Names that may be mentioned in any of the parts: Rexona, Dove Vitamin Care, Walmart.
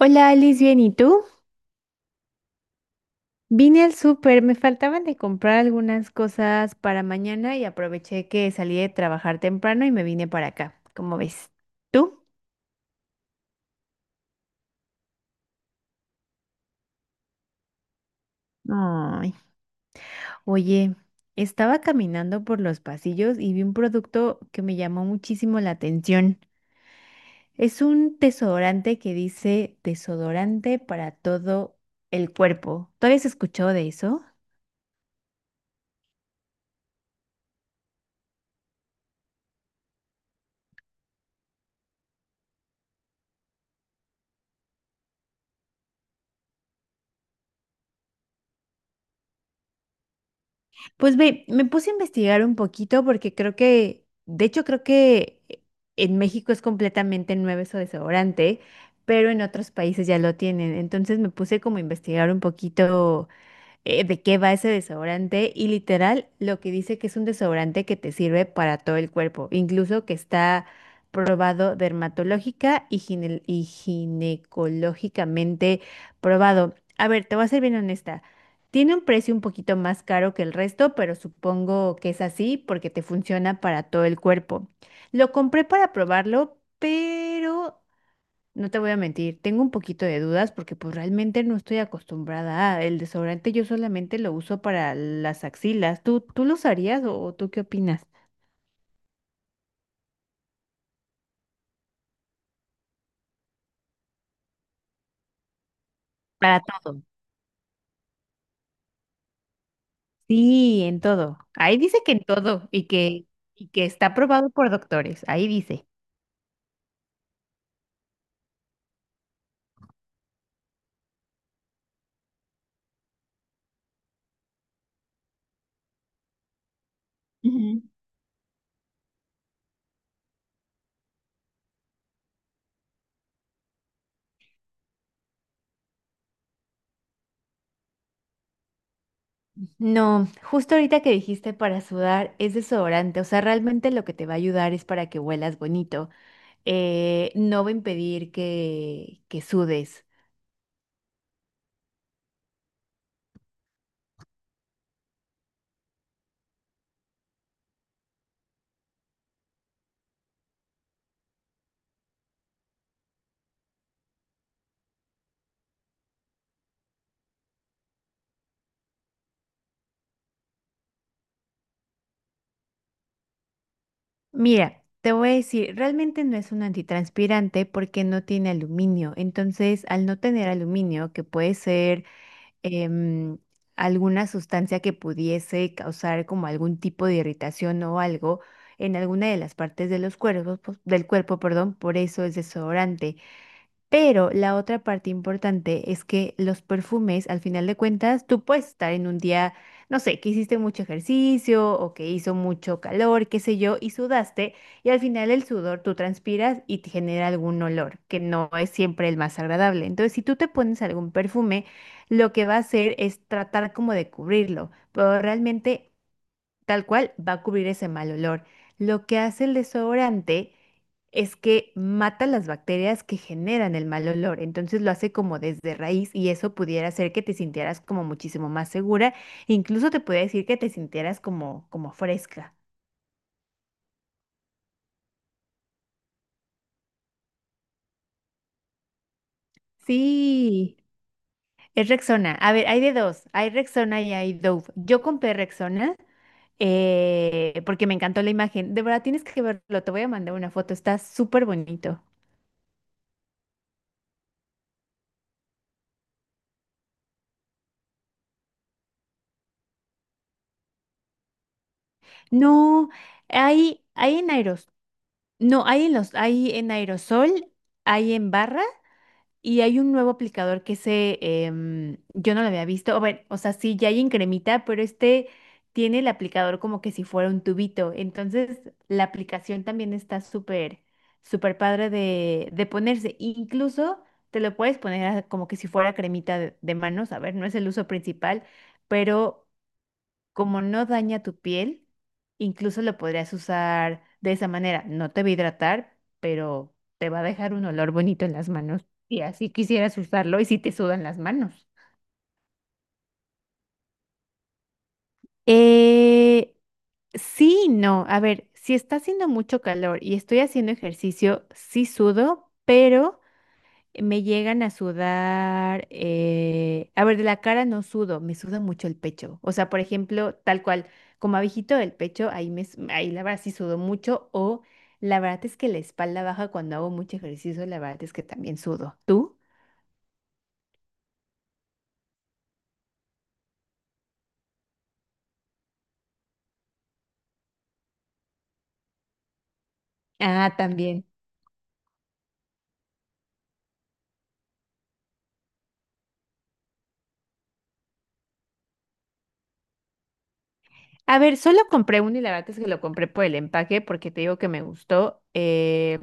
Hola Alice, bien, ¿y tú? Vine al súper, me faltaban de comprar algunas cosas para mañana y aproveché que salí de trabajar temprano y me vine para acá. ¿Cómo ves? ¿Tú? Ay, oye, estaba caminando por los pasillos y vi un producto que me llamó muchísimo la atención. Es un desodorante que dice desodorante para todo el cuerpo. ¿Todavía has escuchado de eso? Pues ve, me puse a investigar un poquito porque creo que, de hecho creo que en México es completamente nuevo eso de desodorante, pero en otros países ya lo tienen. Entonces me puse como a investigar un poquito de qué va ese desodorante y literal lo que dice que es un desodorante que te sirve para todo el cuerpo, incluso que está probado dermatológica y, y ginecológicamente probado. A ver, te voy a ser bien honesta. Tiene un precio un poquito más caro que el resto, pero supongo que es así porque te funciona para todo el cuerpo. Lo compré para probarlo, pero no te voy a mentir, tengo un poquito de dudas porque pues realmente no estoy acostumbrada a el desodorante, yo solamente lo uso para las axilas. ¿Tú lo usarías o tú qué opinas? Para todo. Sí, en todo. Ahí dice que en todo y que está aprobado por doctores. Ahí dice. Ujú. No, justo ahorita que dijiste para sudar es desodorante, o sea, realmente lo que te va a ayudar es para que huelas bonito. No va a impedir que sudes. Mira, te voy a decir, realmente no es un antitranspirante porque no tiene aluminio. Entonces, al no tener aluminio, que puede ser em, alguna sustancia que pudiese causar como algún tipo de irritación o algo en alguna de las partes de los cuerpos, pues, del cuerpo, perdón, por eso es desodorante. Pero la otra parte importante es que los perfumes, al final de cuentas, tú puedes estar en un día, no sé, que hiciste mucho ejercicio o que hizo mucho calor, qué sé yo, y sudaste, y al final el sudor tú transpiras y te genera algún olor, que no es siempre el más agradable. Entonces, si tú te pones algún perfume, lo que va a hacer es tratar como de cubrirlo, pero realmente tal cual va a cubrir ese mal olor. Lo que hace el desodorante es que mata las bacterias que generan el mal olor, entonces lo hace como desde raíz y eso pudiera hacer que te sintieras como muchísimo más segura, incluso te podría decir que te sintieras como, como fresca. Sí, es Rexona. A ver, hay de dos, hay Rexona y hay Dove. Yo compré Rexona porque me encantó la imagen. De verdad, tienes que verlo, te voy a mandar una foto, está súper bonito. No, hay en aeros, no, hay en los, hay en aerosol, hay en barra y hay un nuevo aplicador que se, yo no lo había visto. O, bueno, o sea, sí, ya hay en cremita, pero este tiene el aplicador como que si fuera un tubito. Entonces, la aplicación también está súper padre de ponerse. Incluso te lo puedes poner como que si fuera cremita de manos. A ver, no es el uso principal, pero como no daña tu piel, incluso lo podrías usar de esa manera. No te va a hidratar, pero te va a dejar un olor bonito en las manos. Y así quisieras usarlo y si te sudan las manos. Eh, sí, y no. A ver, si está haciendo mucho calor y estoy haciendo ejercicio, sí sudo, pero me llegan a sudar, a ver, de la cara no sudo, me suda mucho el pecho. O sea, por ejemplo, tal cual, como abejito del pecho, ahí la verdad sí sudo mucho, o la verdad es que la espalda baja cuando hago mucho ejercicio, la verdad es que también sudo. ¿Tú? Ah, también. A ver, solo compré uno y la verdad es que lo compré por el empaque porque te digo que me gustó.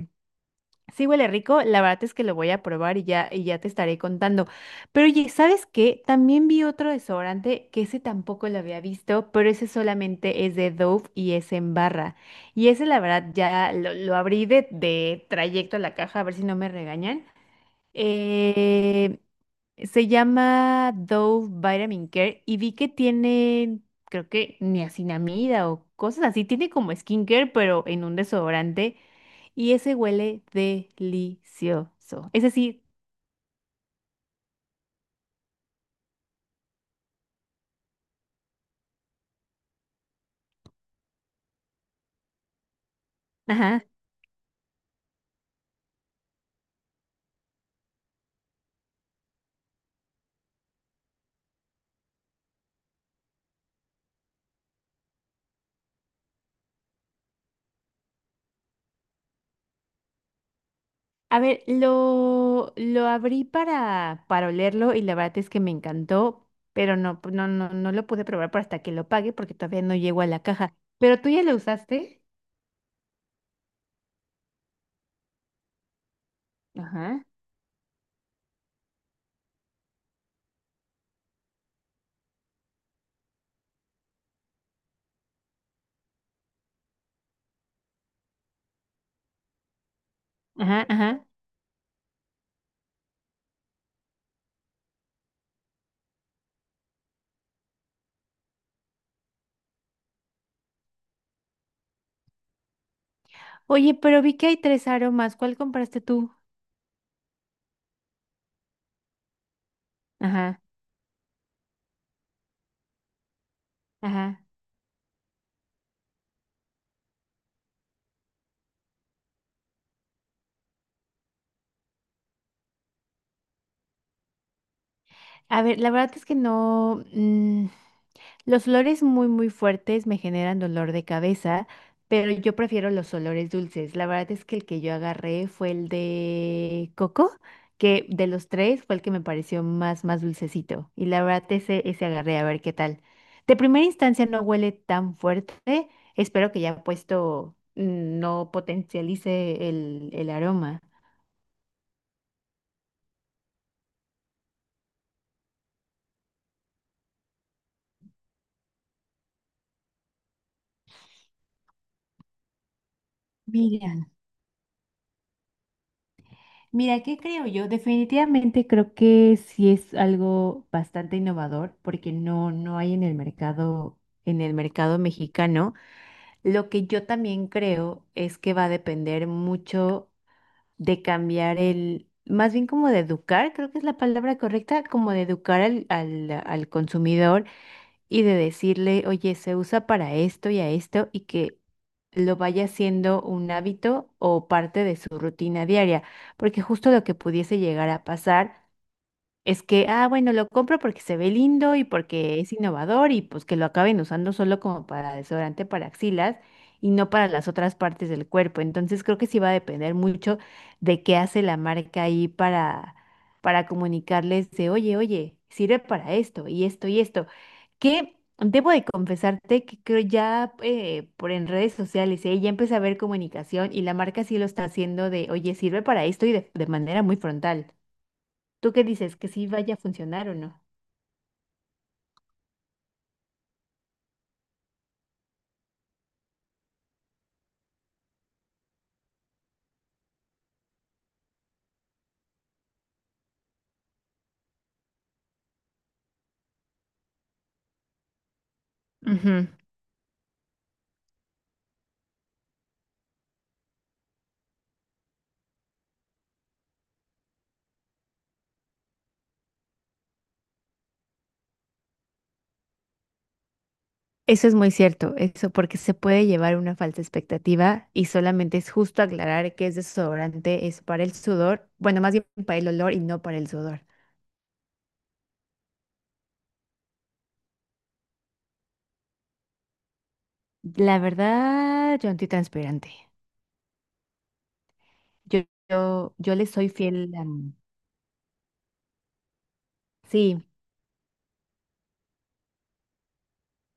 Sí huele rico, la verdad es que lo voy a probar y ya te estaré contando. Pero oye, ¿sabes qué? También vi otro desodorante que ese tampoco lo había visto, pero ese solamente es de Dove y es en barra. Y ese la verdad ya lo abrí de trayecto a la caja a ver si no me regañan. Eh, Se llama Dove Vitamin Care y vi que tiene, creo que niacinamida o cosas así. Tiene como skincare, pero en un desodorante. Y ese huele delicioso. Ese sí, ajá. A ver, lo abrí para olerlo y la verdad es que me encantó, pero no lo pude probar por hasta que lo pague porque todavía no llego a la caja. Pero tú ya lo usaste. Ajá. Ajá, ajá. Oye, pero vi que hay tres aromas. ¿Cuál compraste tú? Ajá, ajá. A ver, la verdad es que no. Los olores muy fuertes me generan dolor de cabeza, pero yo prefiero los olores dulces. La verdad es que el que yo agarré fue el de coco, que de los tres fue el que me pareció más dulcecito. Y la verdad, ese agarré, a ver qué tal. De primera instancia no huele tan fuerte. Espero que ya puesto no potencialice el aroma. Mira. Mira, ¿qué creo yo? Definitivamente creo que sí es algo bastante innovador porque no hay en el mercado mexicano. Lo que yo también creo es que va a depender mucho de cambiar el, más bien como de educar, creo que es la palabra correcta, como de educar al consumidor y de decirle, oye, se usa para esto y a esto y que lo vaya siendo un hábito o parte de su rutina diaria, porque justo lo que pudiese llegar a pasar es que, ah, bueno, lo compro porque se ve lindo y porque es innovador y pues que lo acaben usando solo como para desodorante para axilas y no para las otras partes del cuerpo. Entonces creo que sí va a depender mucho de qué hace la marca ahí para comunicarles de, oye, oye, sirve para esto y esto y esto. Que debo de confesarte que creo ya por en redes sociales, ya empecé a ver comunicación y la marca sí lo está haciendo de, oye, sirve para esto y de manera muy frontal. ¿Tú qué dices? ¿Que sí vaya a funcionar o no? Ujú. Eso es muy cierto, eso, porque se puede llevar una falsa expectativa y solamente es justo aclarar que es desodorante, es para el sudor, bueno, más bien para el olor y no para el sudor. La verdad, yo antitranspirante. Yo, yo le soy fiel a... Sí,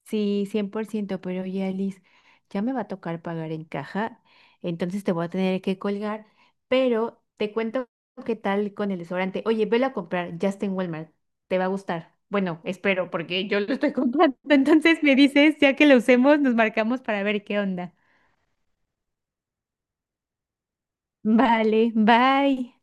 sí, 100%. Pero oye, Alice, ya me va a tocar pagar en caja, entonces te voy a tener que colgar, pero te cuento qué tal con el desodorante. Oye, velo a comprar, ya está en Walmart, te va a gustar. Bueno, espero, porque yo lo estoy comprando, entonces me dices, ya que lo usemos, nos marcamos para ver qué onda. Vale, bye.